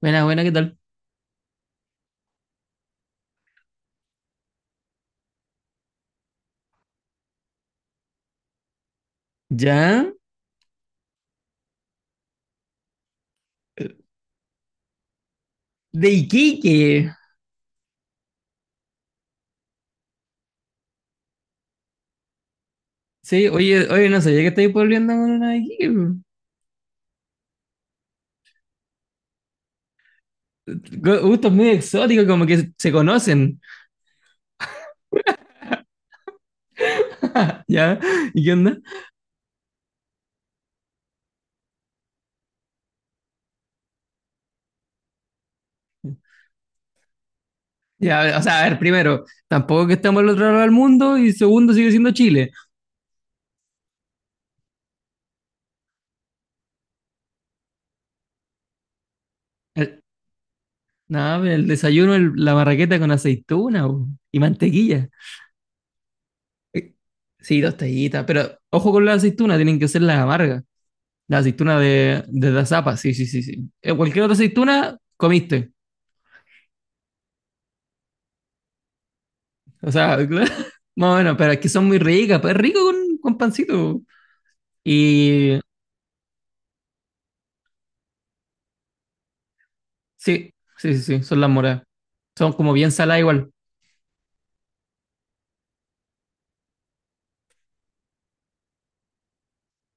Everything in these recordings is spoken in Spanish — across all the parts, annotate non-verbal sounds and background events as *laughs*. Buena, buena, ¿qué tal? ¿Ya? De Iquique. Sí, oye, oye, no sabía que estáis volviendo con una de Iquique. Gustos muy exóticos, como que se conocen. *laughs* ¿Ya? ¿Y qué onda? Ya, o sea, a ver, primero, tampoco que estamos al otro lado del mundo y segundo, sigue siendo Chile. El- no, pero el desayuno, la marraqueta con aceituna po, y mantequilla. Eh, Sí, dos tallitas, pero ojo con la aceituna, tienen que ser las amargas. La aceituna de las zapas, sí, sí, sí, sí. Cualquier otra aceituna, comiste. O sea, *laughs* claro, más o menos, pero es que son muy ricas, pues es rico con pancito. Y sí, sí, sí, sí, son las moras. Son como bien saladas igual.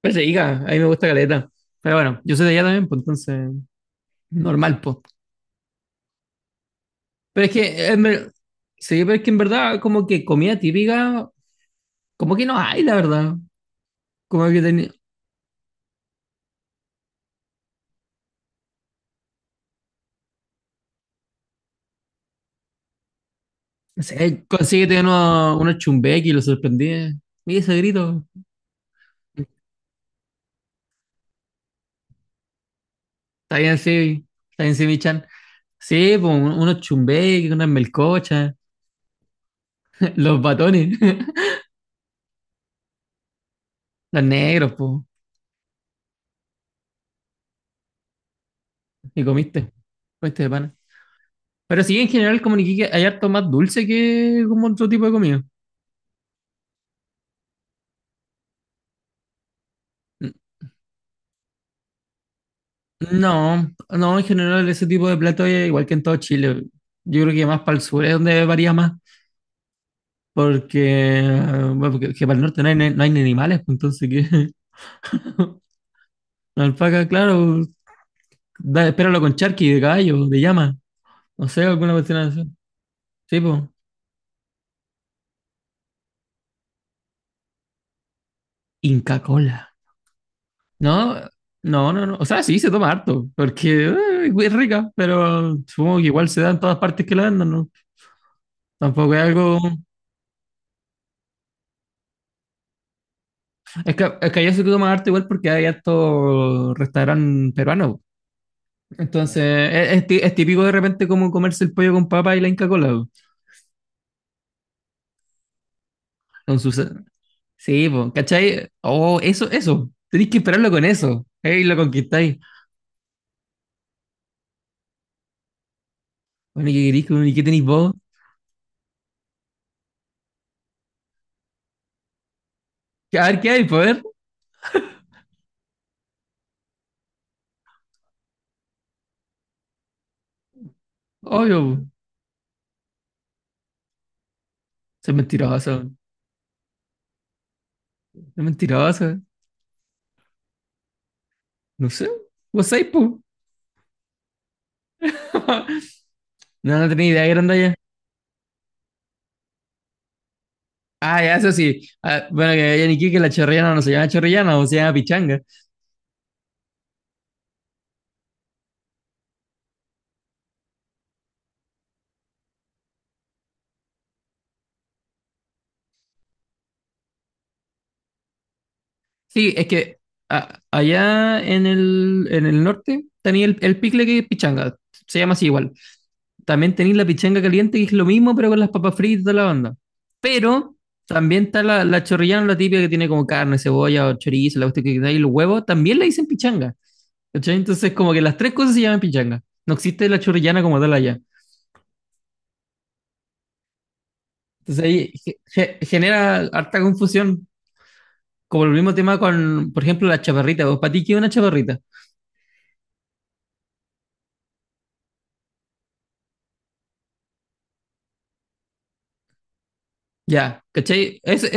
Pero es rica, a mí me gusta caleta. Pero bueno, yo soy de allá también, pues entonces, normal, pues. Pero es que, en ver- Sí, pero es que en verdad, como que comida típica, como que no hay, la verdad. Como que tenía, no sé, consíguete unos chumbequi y lo sorprendí. Mira ese grito. Está bien, sí, está bien, sí, mi chan. Sí, pues unos chumbequi, unas melcochas. Los batones, *laughs* los negros, po, y comiste, comiste de pana. Pero sí, en general, como en Iquique hay harto más dulce que como otro tipo de comida. N- No, no, en general ese tipo de plato es igual que en todo Chile. Yo creo que más para el sur es donde varía más, porque, bueno, porque que para el norte no hay, no hay ni animales, pues, entonces que *laughs* alpaca, claro, da, espéralo con charqui de caballo, de llama, no sé, alguna cuestión así. Sí, pues, Inca Kola. No, no, no, no. O sea, sí, se toma harto, porque es rica, pero supongo que igual se da en todas partes que la vendan, ¿no? Tampoco es algo... Es que allá se toma harto igual porque hay harto restaurante peruano. Entonces, es típico de repente como comerse el pollo con papa y la Inca Kola po. Con su... Sí, po, ¿cachai? Oh, eso, eso. Tenéis que esperarlo con eso. Ey, lo conquistáis. Bueno, ¿y qué queréis? ¿Y qué tenéis vos? A ver, ¿qué hay, poder? Obvio, po. Soy mentiroso. Soy mentiroso. No sé, vos sabés, po. *laughs* No, no tenía idea que eran de allá. Ah, ya, eso sí. Ah, bueno, que allá en Iquique la chorrillana no se llama chorrillana, o se llama pichanga. Sí, es que allá en el norte tenía el picle que es pichanga, se llama así igual. También tenéis la pichanga caliente, que es lo mismo, pero con las papas fritas y toda la banda. Pero también está la chorrillana, la típica que tiene como carne, cebolla, o chorizo, la cuestión que da y los huevos, también la dicen pichanga. ¿Cachai? Entonces, como que las tres cosas se llaman pichanga. No existe la chorrillana como tal allá. Entonces ahí genera harta confusión, como el mismo tema con, por ejemplo, la chaparrita. ¿Vos para ti qué es una chaparrita? Ya, ¿cachai? Esa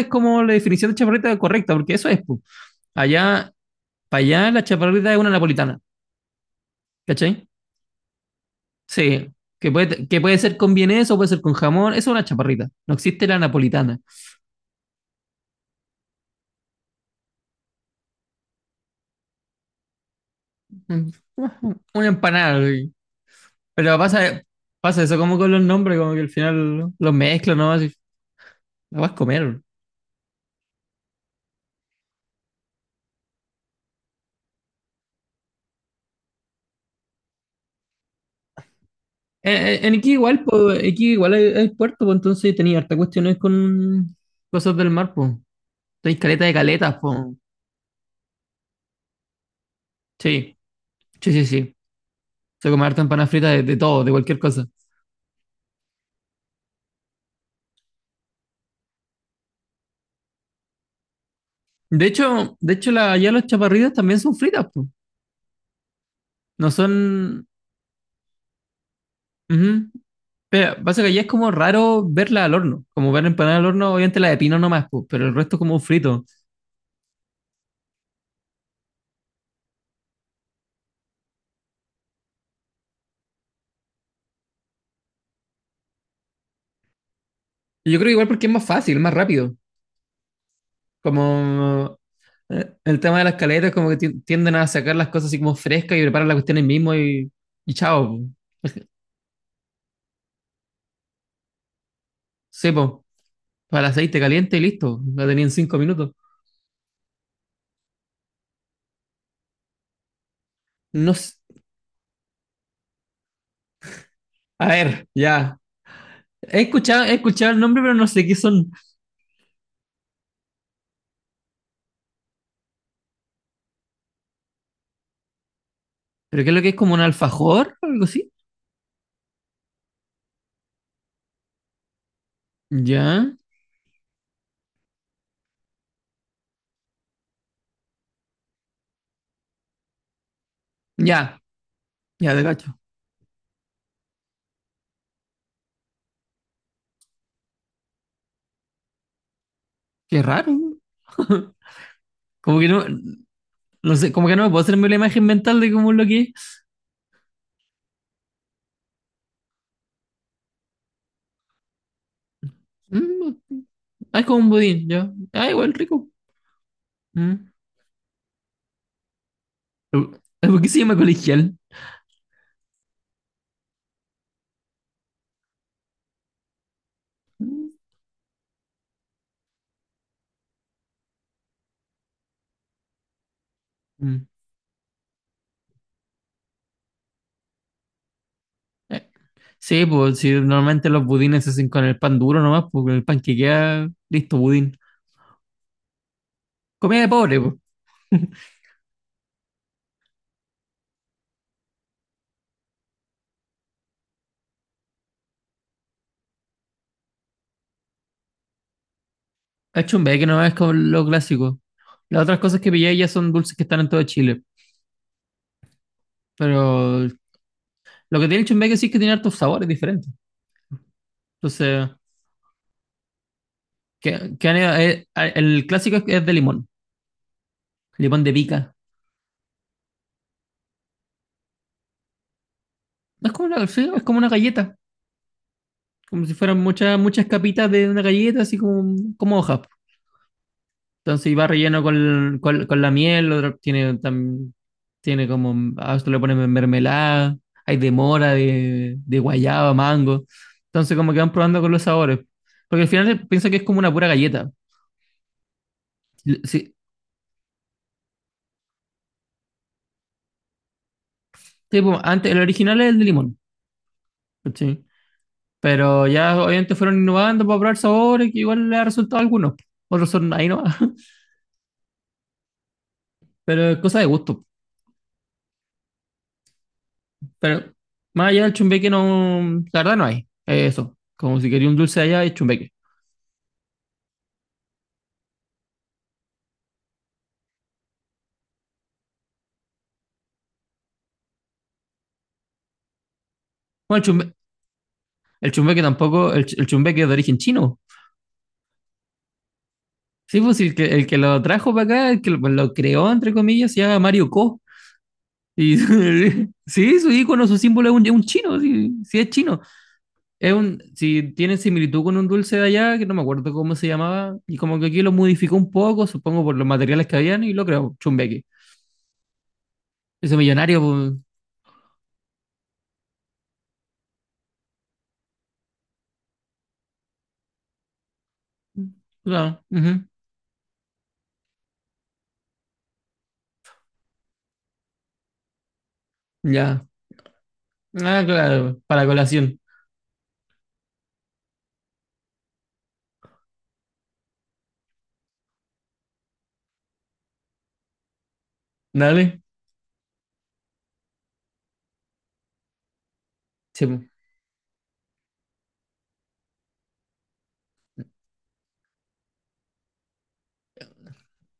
es como la definición de chaparrita correcta, porque eso es, pu. Allá, para allá la chaparrita es una napolitana, ¿cachai? Sí, que puede ser con vienés o puede ser con jamón, eso es una chaparrita. No existe la napolitana. Mm, Una empanada, güey. Pero pasa eso como con los nombres, como que al final los mezclan, ¿no? Así, la vas a comer. En Iquique igual, pues, Iquique igual hay puerto, pues, entonces tenía harta cuestiones con cosas del mar, pues. Tenéis caleta de caletas, pues. Sí, sí, sí, sí. Se come harta empanada frita de todo, de cualquier cosa. De hecho, allá los chaparritos también son fritas, pues. No son... ujú. Pero pasa que allá es como raro verla al horno. Como ver empanada al horno, obviamente la de pino nomás, pues, pero el resto como frito. Yo creo que igual porque es más fácil, más rápido. Como el tema de las caletas como que tienden a sacar las cosas así como frescas y preparan la cuestión ahí mismo y chao, po. Sí, para el aceite caliente y listo, la tenía en 5 minutos. No s- A ver, ya, he escuchado el nombre, pero no sé qué son, pero qué es lo que es como un alfajor o algo así. Ya, ya, ya, de cacho. Qué raro, *laughs* ¿no? Como que no, no sé, como que no me puedo hacerme la imagen mental de cómo es lo que es. Mm, ah, es como un budín, ya, igual rico. Mm. ¿Por qué se llama colegial? Mm. Mm. Sí, pues si normalmente los budines se hacen con el pan duro nomás, pues con el pan que queda, listo, budín. Comida de pobre, pues. Achumbe, que no es como lo clásico. Las otras cosas que pillé ya son dulces que están en todo Chile. Pero lo que tiene el chumbeque sí es que tiene hartos sabores diferentes. Entonces, el clásico es de limón, limón de pica. No sí, es como una galleta, como si fueran muchas, muchas capitas de una galleta, así como hojas. Entonces, y va relleno con, con la miel, otro tiene como, a esto le ponen mermelada, hay de mora, de guayaba, mango. Entonces como que van probando con los sabores. Porque al final piensa que es como una pura galleta. Sí, tipo, antes, el original es el de limón, ¿cachai? Pero ya obviamente fueron innovando para probar sabores que igual le ha resultado a algunos. Otros son ahí no, *laughs* pero es cosa de gusto. Pero más allá del chumbeque no, la verdad no hay. Es eso, como si quería un dulce allá es chumbeque. Bueno, el chumbeque tampoco, el chumbeque es de origen chino. Sí, pues el que lo trajo para acá, el que lo creó, entre comillas, se llama Mario Ko. Y *laughs* sí, su icono, su símbolo es un chino, sí, sí es chino. Si tiene similitud con un dulce de allá, que no me acuerdo cómo se llamaba, y como que aquí lo modificó un poco, supongo por los materiales que habían, y lo creó, chumbeque. Ese millonario, pues, no, ujú, ya. Ah, claro, para colación. Dale. Sí, pues.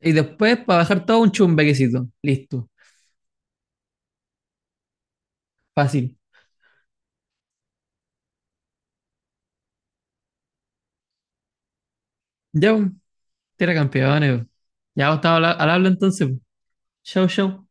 Y después para bajar todo un chumbequecito. Listo. Fácil. Ya, pues. Tierra campeones. Ya vos estás al habla entonces. Show, show.